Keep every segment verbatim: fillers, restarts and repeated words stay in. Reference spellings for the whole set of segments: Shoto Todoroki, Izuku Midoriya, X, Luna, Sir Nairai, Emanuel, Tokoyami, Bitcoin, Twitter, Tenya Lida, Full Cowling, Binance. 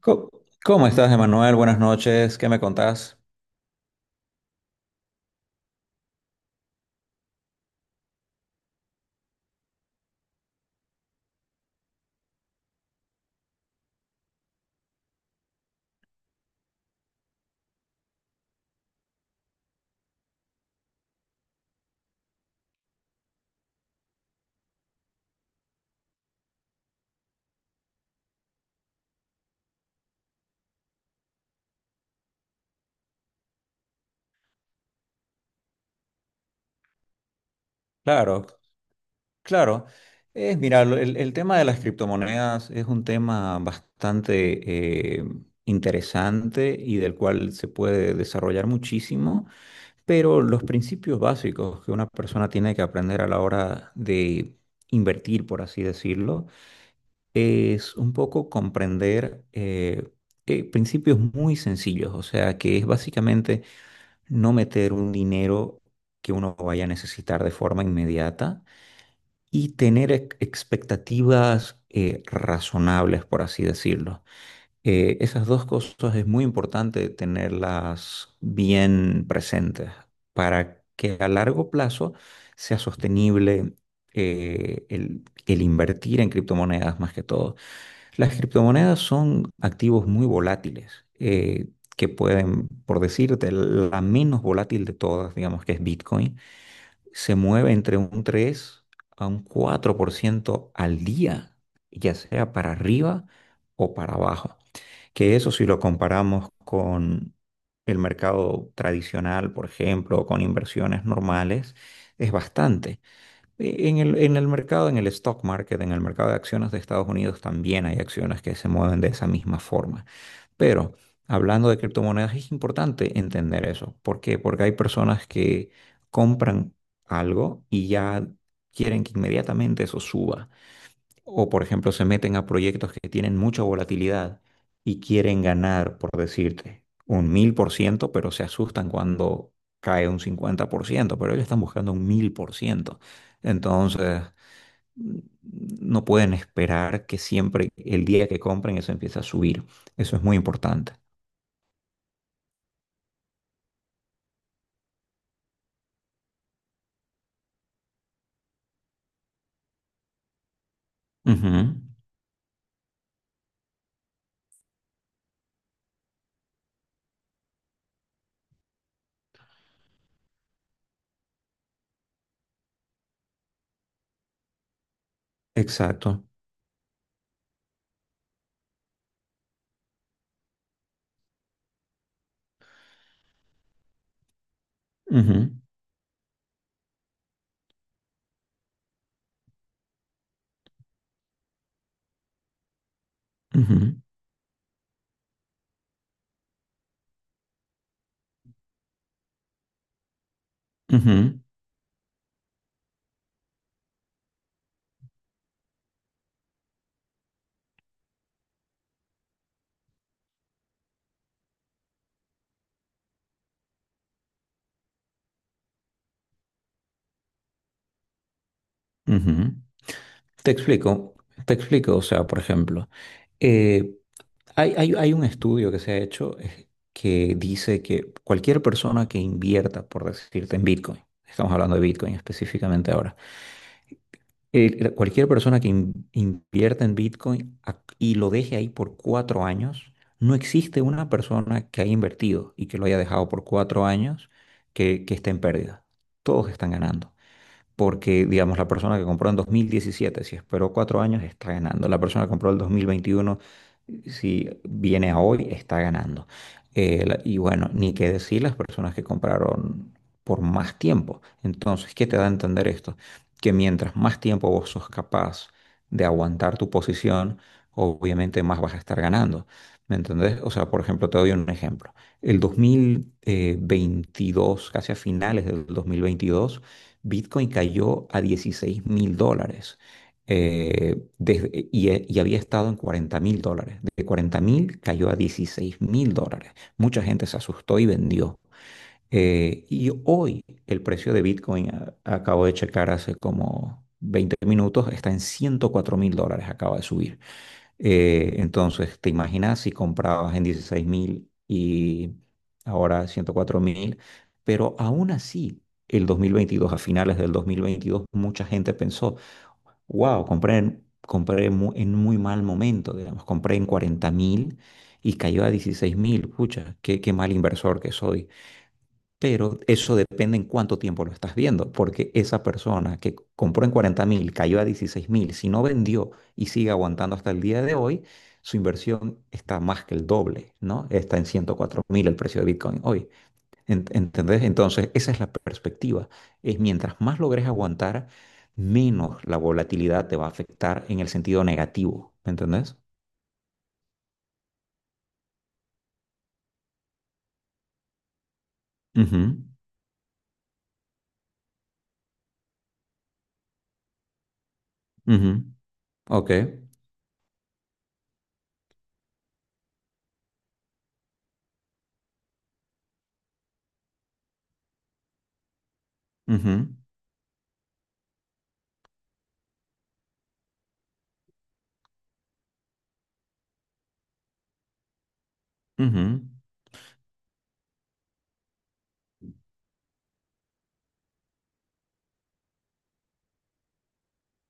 Co- ¿Cómo estás, Emanuel? Buenas noches. ¿Qué me contás? Claro, claro. Es, mira, lo- el, el tema de las criptomonedas es un tema bastante eh, interesante y del cual se puede desarrollar muchísimo, pero los principios básicos que una persona tiene que aprender a la hora de invertir, por así decirlo, es un poco comprender eh, eh, principios muy sencillos, o sea, que es básicamente... no meter un dinero que uno vaya a necesitar de forma inmediata y tener ex- expectativas eh, razonables, por así decirlo. Eh, esas dos cosas es muy importante tenerlas bien presentes para que a largo plazo sea sostenible, eh, el, el invertir en criptomonedas más que todo. Las criptomonedas son activos muy volátiles, eh, que pueden, por decirte, la menos volátil de todas, digamos que es Bitcoin, se mueve entre un tres a un cuatro por ciento al día, ya sea para arriba o para abajo. Que eso, si lo comparamos con el mercado tradicional, por ejemplo, o con inversiones normales, es bastante. Eh, En el, en el mercado, en el stock market, en el mercado de acciones de Estados Unidos también hay acciones que se mueven de esa misma forma. Pero hablando de criptomonedas, es importante entender eso. ¿Por qué? Porque hay personas que compran algo y ya quieren que inmediatamente eso suba. O, por ejemplo, se meten a proyectos que tienen mucha volatilidad y quieren ganar, por decirte, un mil por ciento, pero se asustan cuando cae un cincuenta por ciento, pero ellos están buscando un mil por ciento. Entonces, mm, no pueden esperar que siempre el día que compren eso empiece a subir. Eso es muy importante. Ujú. Exacto. Ujú, ujú, ujú, ujú. Te explico, te explico, o sea, por ejemplo. eh, Hay, hay- hay un estudio que se ha hecho, eh, que dice que cualquier persona que invierta, por decirte, en Bitcoin, estamos hablando de Bitcoin específicamente ahora. Eh, la- cualquier persona que in- invierta en Bitcoin a- y lo deje ahí por cuatro años, no existe una persona que haya invertido y que lo haya dejado por cuatro años que, que esté en pérdida. Todos están ganando porque, digamos, la persona que compró en dos mil diecisiete, si esperó cuatro años, está ganando. La persona que compró el dos mil veintiuno, si viene a hoy, está ganando. Eh, la- y bueno, ni qué decir las personas que compraron por más tiempo. Entonces, ¿qué te da a entender esto? Que mientras más tiempo vos sos capaz de aguantar tu posición, obviamente más vas a estar ganando. ¿Me entendés? O sea, por ejemplo, te doy un ejemplo. El dos mil eh, veintidós, casi a finales del dos mil veintidós, Bitcoin cayó a dieciséis mil dólares, eh, desde- y, eh, y había estado en cuarenta mil dólares. De cuarenta mil cayó a dieciséis mil dólares. Mucha gente se asustó y vendió. Eh, y hoy el precio de Bitcoin, a- acabo de checar hace como veinte minutos, está en ciento cuatro mil dólares, acaba de subir. Eh, entonces, ¿te imaginas si comprabas en dieciséis mil y ahora ciento cuatro mil? Pero aún así, el dos mil veintidós, a finales del dos mil veintidós, mucha gente pensó, wow, compré, en- compré mu- en muy mal momento, digamos, compré en cuarenta mil y cayó a dieciséis mil, pucha, qué, qué mal inversor que soy. Pero eso depende en cuánto tiempo lo estás viendo, porque esa persona que compró en cuarenta mil, cayó a dieciséis mil, si no vendió y sigue aguantando hasta el día de hoy, su inversión está más que el doble, ¿no? Está en ciento cuatro mil el precio de Bitcoin hoy. Ent- ¿Entendés? Entonces, esa es la perspectiva. Es, mientras más logres aguantar, menos la volatilidad te va a afectar en el sentido negativo. ¿Me entendés? Ujú, ujú, ok. Ujú, ujú,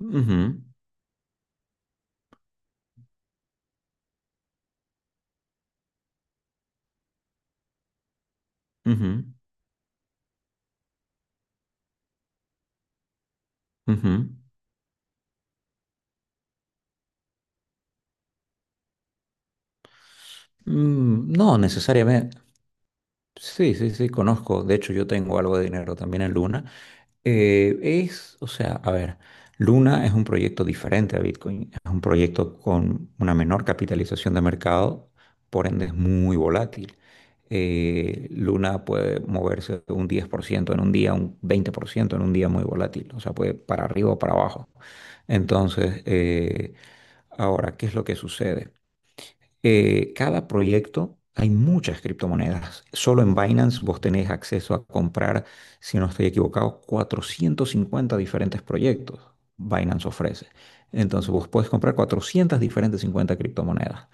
ujú, ujú, ujú. Mm, no necesariamente. Sí, sí, sí, conozco. De hecho, yo tengo algo de dinero también en Luna. Eh, es, o sea, a ver, Luna es un proyecto diferente a Bitcoin. Es un proyecto con una menor capitalización de mercado, por ende es muy volátil. Eh, Luna puede moverse un diez por ciento en un día, un veinte por ciento en un día, muy volátil. O sea, puede para arriba o para abajo. Entonces, eh, ahora, ¿qué es lo que sucede? eh, cada proyecto, hay muchas criptomonedas. Solo en Binance vos tenés acceso a comprar, si no estoy equivocado, cuatrocientos cincuenta diferentes proyectos. Binance ofrece. Entonces vos podés comprar cuatrocientas diferentes cincuenta criptomonedas.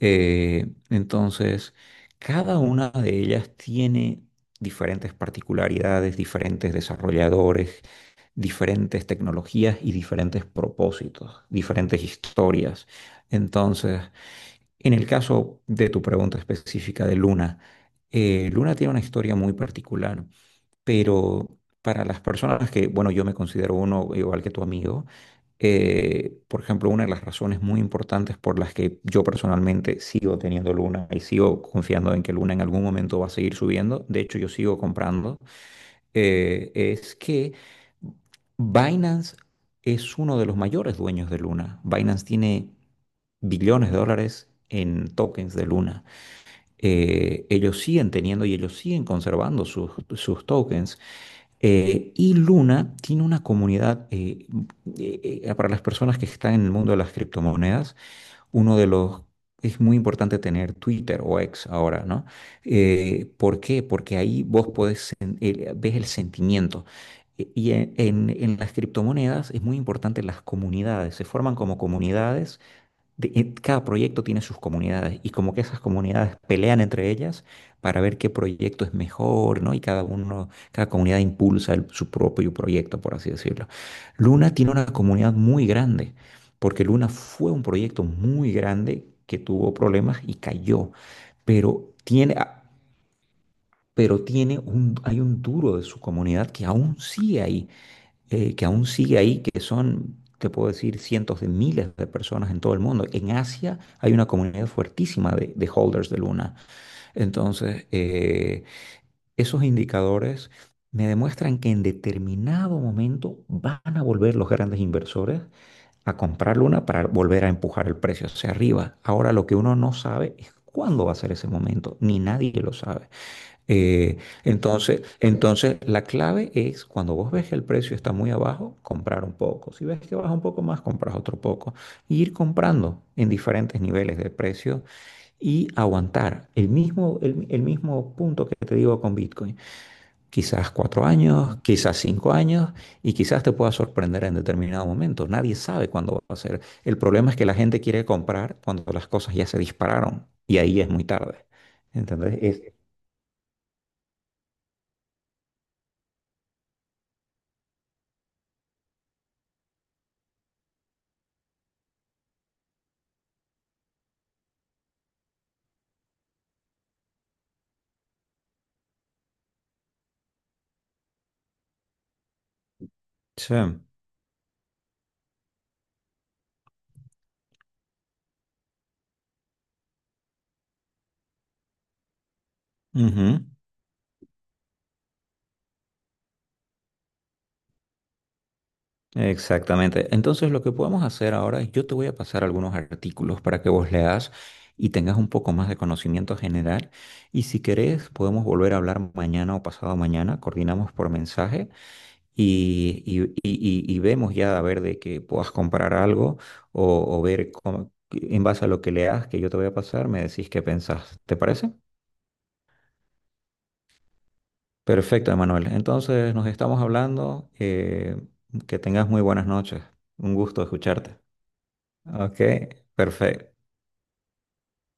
Eh, entonces, cada una de ellas tiene diferentes particularidades, diferentes desarrolladores, diferentes tecnologías y diferentes propósitos, diferentes historias. Entonces, en el caso de tu pregunta específica de Luna, eh, Luna tiene una historia muy particular, pero para las personas que, bueno, yo me considero uno igual que tu amigo, eh, por ejemplo, una de las razones muy importantes por las que yo personalmente sigo teniendo Luna y sigo confiando en que Luna en algún momento va a seguir subiendo, de hecho yo sigo comprando, eh, es que Binance es uno de los mayores dueños de Luna. Binance tiene billones de dólares en tokens de Luna. Eh, ellos siguen teniendo y ellos siguen conservando sus, sus tokens. Eh, y Luna tiene una comunidad, eh, eh, eh, para las personas que están en el mundo de las criptomonedas, uno de los... Es muy importante tener Twitter o X ahora, ¿no? Eh, ¿por qué? Porque ahí vos podés, sen- el- ves el sentimiento. E- Y en, en- en las criptomonedas es muy importante las comunidades. Se forman como comunidades, de- y cada proyecto tiene sus comunidades y como que esas comunidades pelean entre ellas para ver qué proyecto es mejor, ¿no? Y cada uno, cada comunidad impulsa el- su propio proyecto, por así decirlo. Luna tiene una comunidad muy grande, porque Luna fue un proyecto muy grande que tuvo problemas y cayó, pero tiene, a- pero tiene un, hay un duro de su comunidad que aún sigue ahí, eh, que aún sigue ahí, que son, te puedo decir, cientos de miles de personas en todo el mundo. En Asia hay una comunidad fuertísima de, de holders de Luna. Entonces, eh, esos indicadores me demuestran que en determinado momento van a volver los grandes inversores a comprar Luna para volver a empujar el precio hacia arriba. Ahora, lo que uno no sabe es cuándo va a ser ese momento, ni nadie lo sabe. Eh, entonces, entonces, la clave es, cuando vos ves que el precio está muy abajo, comprar un poco. Si ves que baja un poco más, compras otro poco. Y ir comprando en diferentes niveles de precio y aguantar el mismo, el, el mismo punto que te digo con Bitcoin. Quizás cuatro años, quizás cinco años, y quizás te pueda sorprender en determinado momento. Nadie sabe cuándo va a ser. El problema es que la gente quiere comprar cuando las cosas ya se dispararon y ahí es muy tarde. ¿Entendés? Es- Sí. Ujú. Exactamente. Entonces, lo que podemos hacer ahora es, yo te voy a pasar algunos artículos para que vos leas y tengas un poco más de conocimiento general. Y si querés, podemos volver a hablar mañana o pasado mañana, coordinamos por mensaje, y, y- y- y- y vemos ya a ver de que puedas comprar algo, o, o ver cómo- en base a lo que leas que yo te voy a pasar, me decís qué pensás. ¿Te parece? Perfecto, Emanuel. Entonces, nos estamos hablando. eh, que tengas muy buenas noches. Un gusto escucharte. Ok, perfecto.